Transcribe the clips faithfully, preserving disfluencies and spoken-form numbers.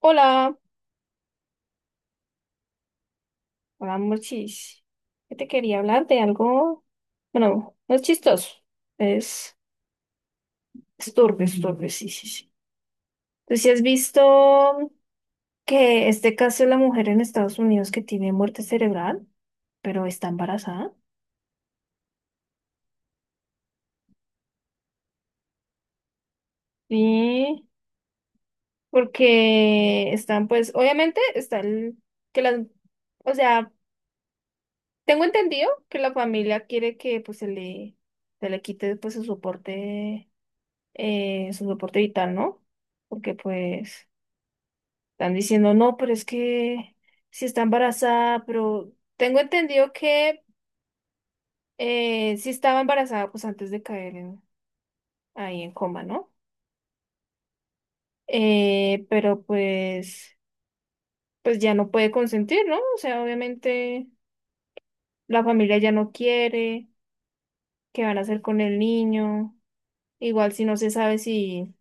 Hola, hola Morchis. Yo te quería hablar de algo, bueno, no es chistoso, es, es turbio, es turbio, sí, sí, sí. Tú sí has visto que este caso de la mujer en Estados Unidos que tiene muerte cerebral, pero está embarazada. Sí, porque están, pues, obviamente está el, que las, o sea, tengo entendido que la familia quiere que, pues, se le, se le quite, pues, su soporte eh, su soporte vital, ¿no? Porque pues están diciendo, no, pero es que si está embarazada, pero tengo entendido que eh, si estaba embarazada, pues antes de caer en- ahí en coma, ¿no? Eh, pero pues, pues ya no puede consentir, ¿no? O sea, obviamente la familia ya no quiere, ¿qué van a hacer con el niño? Igual si no se sabe si,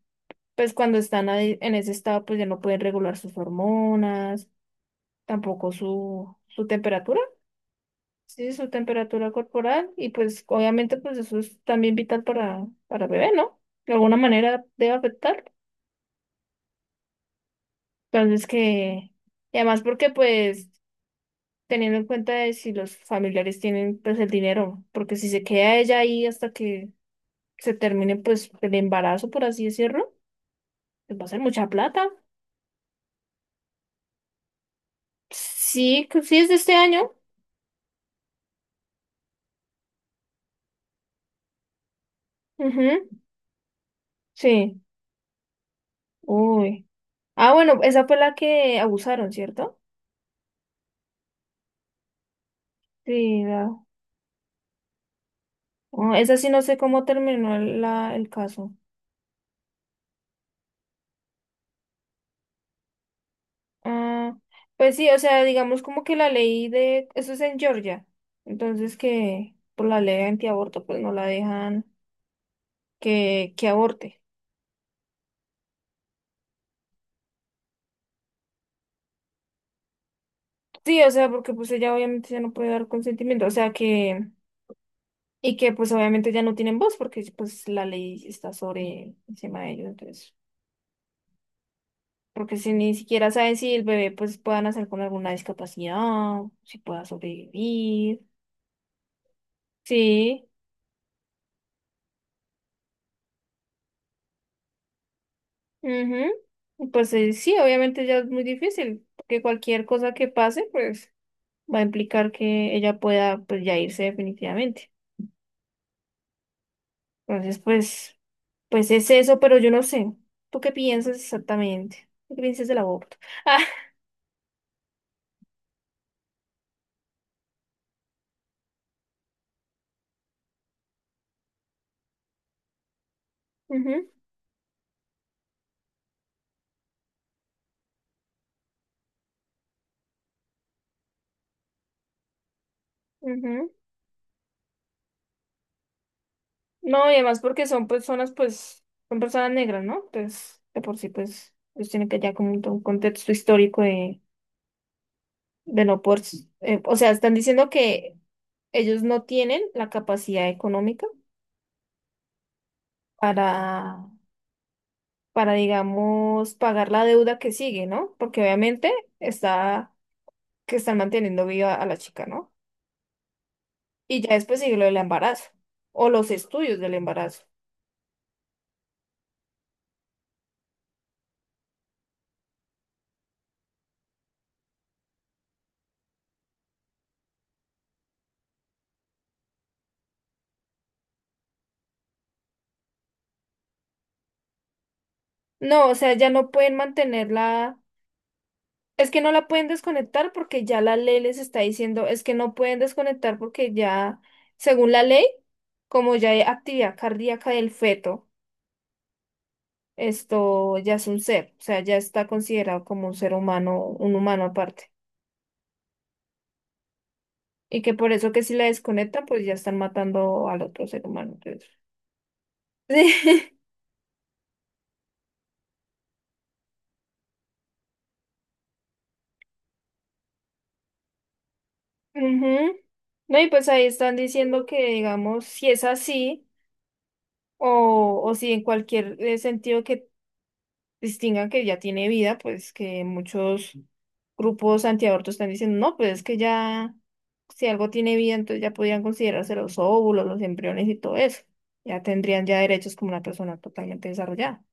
pues cuando están ahí en ese estado, pues ya no pueden regular sus hormonas. Tampoco su, su temperatura, sí, su temperatura corporal y pues obviamente pues eso es también vital para, para el bebé, ¿no? De alguna manera debe afectar. Entonces que, y además porque pues teniendo en cuenta de si los familiares tienen pues el dinero, porque si se queda ella ahí hasta que se termine pues el embarazo, por así decirlo, pues va a ser mucha plata. Sí, que sí es de este año. Ujú, sí. Uy. Ah, bueno, esa fue la que abusaron, ¿cierto? Sí, la... Oh, esa sí no sé cómo terminó el, la, el caso. Ah, pues sí, o sea, digamos como que la ley de... Eso es en Georgia. Entonces que por la ley antiaborto pues no la dejan que, que aborte. Sí, o sea, porque pues ella obviamente ya no puede dar consentimiento. O sea que... Y que pues obviamente ya no tienen voz porque pues la ley está sobre encima de ellos. Entonces, porque si ni siquiera saben si el bebé pues pueda nacer con alguna discapacidad, si pueda sobrevivir. Sí. Ujú. Pues eh, sí, obviamente ya es muy difícil, porque cualquier cosa que pase, pues va a implicar que ella pueda pues ya irse definitivamente. Entonces, pues, pues es eso, pero yo no sé. ¿Tú qué piensas exactamente? ¿Qué piensas del aborto? Ah, ujú, ujú. No, y además porque son personas, pues, son personas negras, ¿no? Pues, de por sí, pues, ellos tienen que ya como un, un contexto histórico de, de no por, eh, o sea, están diciendo que ellos no tienen la capacidad económica para, para, digamos, pagar la deuda que sigue, ¿no? Porque obviamente está que están manteniendo viva a la chica, ¿no? Y ya después sigue lo del embarazo o los estudios del embarazo. No, o sea, ya no pueden mantenerla. Es que no la pueden desconectar porque ya la ley les está diciendo, es que no pueden desconectar porque ya, según la ley, como ya hay actividad cardíaca del feto, esto ya es un ser, o sea, ya está considerado como un ser humano, un humano aparte. Y que por eso que si la desconectan, pues ya están matando al otro ser humano. Entonces. Sí. Ujú. No, y pues ahí están diciendo que, digamos, si es así, o, o si en cualquier eh, sentido que distingan que ya tiene vida, pues que muchos grupos antiaborto están diciendo, no, pues es que ya, si algo tiene vida, entonces ya podrían considerarse los óvulos, los embriones y todo eso. Ya tendrían ya derechos como una persona totalmente desarrollada.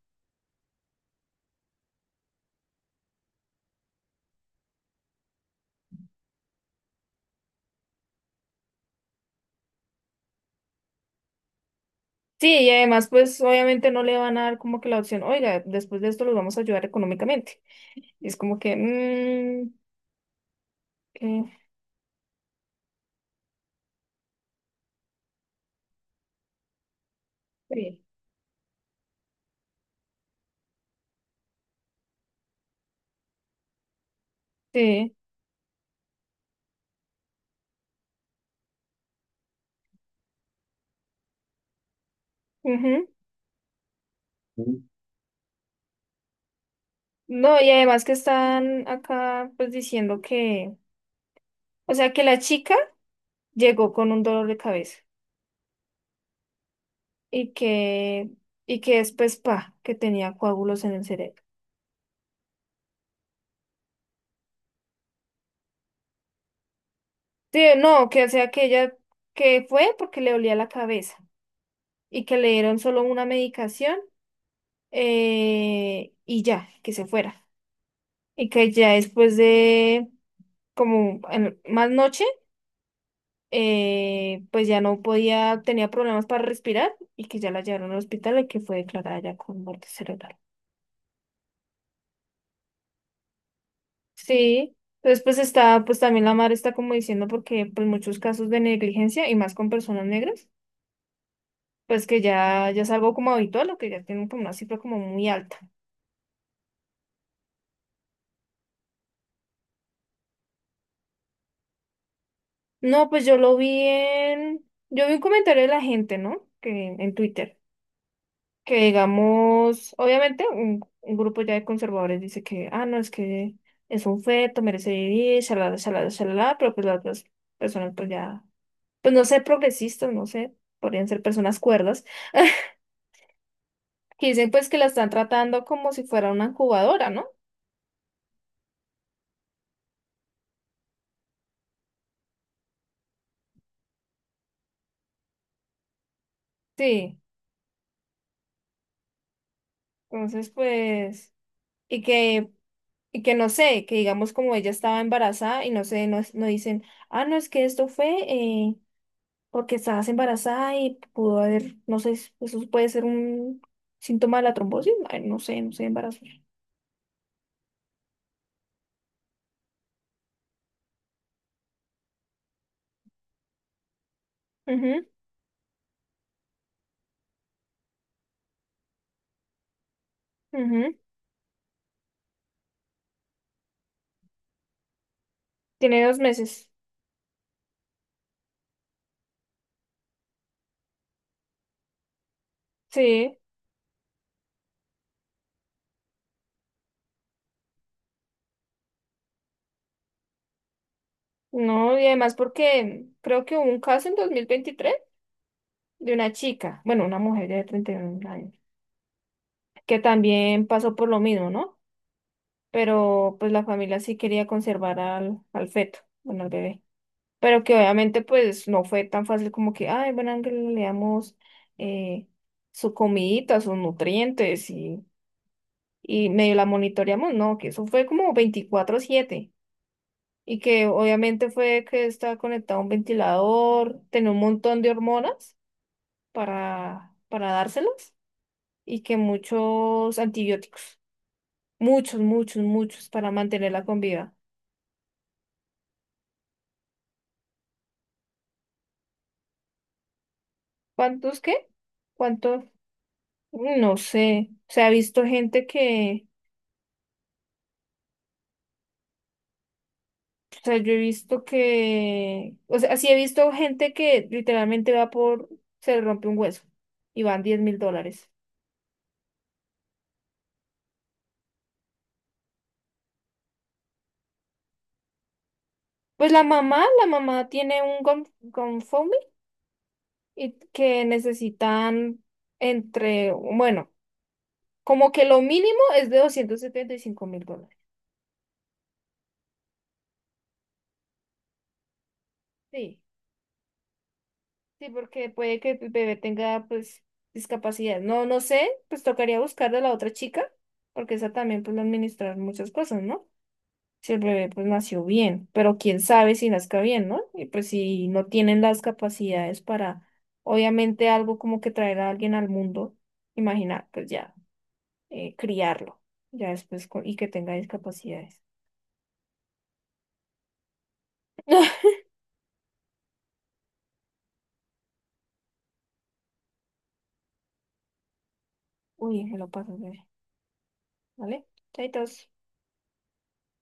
Sí, y además, pues obviamente no le van a dar como que la opción, oiga, después de esto los vamos a ayudar económicamente. Y es como que, mmm, sí. Sí, ujú. Sí. No, y además que están acá pues diciendo que, o sea, que la chica llegó con un dolor de cabeza y que, y que después, pa, que tenía coágulos en el cerebro. Sí, no, que o sea que ella, que fue porque le dolía la cabeza y que le dieron solo una medicación eh, y ya, que se fuera. Y que ya después de como en- más noche, eh, pues ya no podía, tenía problemas para respirar y que ya la llevaron al hospital y que fue declarada ya con muerte cerebral. Sí, entonces pues está, pues también la madre está como diciendo porque pues muchos casos de negligencia y más con personas negras, pues que ya, ya es algo como habitual o que ya tienen como una cifra como muy alta. No, pues yo lo vi en, yo vi un comentario de la gente, ¿no? Que en Twitter que digamos, obviamente un, un grupo ya de conservadores dice que, ah, no, es que es un feto, merece vivir, shalala, shalala, shalala, pero pues las otras personas pues ya, pues no sé, progresistas, no sé, podrían ser personas cuerdas, que dicen pues que la están tratando como si fuera una incubadora, ¿no? Sí, entonces pues, y que, y que no sé, que digamos como ella estaba embarazada y no sé, no, no dicen, ah, no, es que esto fue... eh, porque estabas embarazada y pudo haber, no sé, eso puede ser un síntoma de la trombosis, ay, no sé, no sé, embarazo. Ujú, ujú. Tiene dos meses. Sí, no, y además porque creo que hubo un caso en dos mil veintitrés de una chica, bueno, una mujer ya de treinta y un años, que también pasó por lo mismo, ¿no? Pero pues la familia sí quería conservar al, al feto, bueno, al bebé. Pero que obviamente pues no fue tan fácil como que, ay, bueno, Ángel, le damos eh, su comidita, sus nutrientes y, y medio la monitoreamos, no, que eso fue como veinticuatro siete y que obviamente fue que estaba conectado a un ventilador, tenía un montón de hormonas para, para dárselas y que muchos antibióticos, muchos, muchos, muchos para mantenerla con vida. ¿Cuántos qué? ¿Cuántos? No sé, se ha visto gente que... O sea, yo he visto que, o sea, sí he visto gente que literalmente va por, se le rompe un hueso y van diez mil dólares. Pues la mamá, la mamá tiene un gon- GoFundMe y que necesitan entre, bueno, como que lo mínimo es de doscientos setenta y cinco mil dólares. Sí, sí, porque puede que el bebé tenga pues discapacidad. No, no sé, pues tocaría buscar de la otra chica, porque esa también pues administrar muchas cosas, ¿no? Si el bebé pues nació bien, pero quién sabe si nazca bien, ¿no? Y pues si no tienen las capacidades para, obviamente algo como que traer a alguien al mundo, imaginar, pues ya, eh, criarlo, ya después, co- y que tenga discapacidades. Uy, me lo paso, bebé, ¿vale? Chaitos.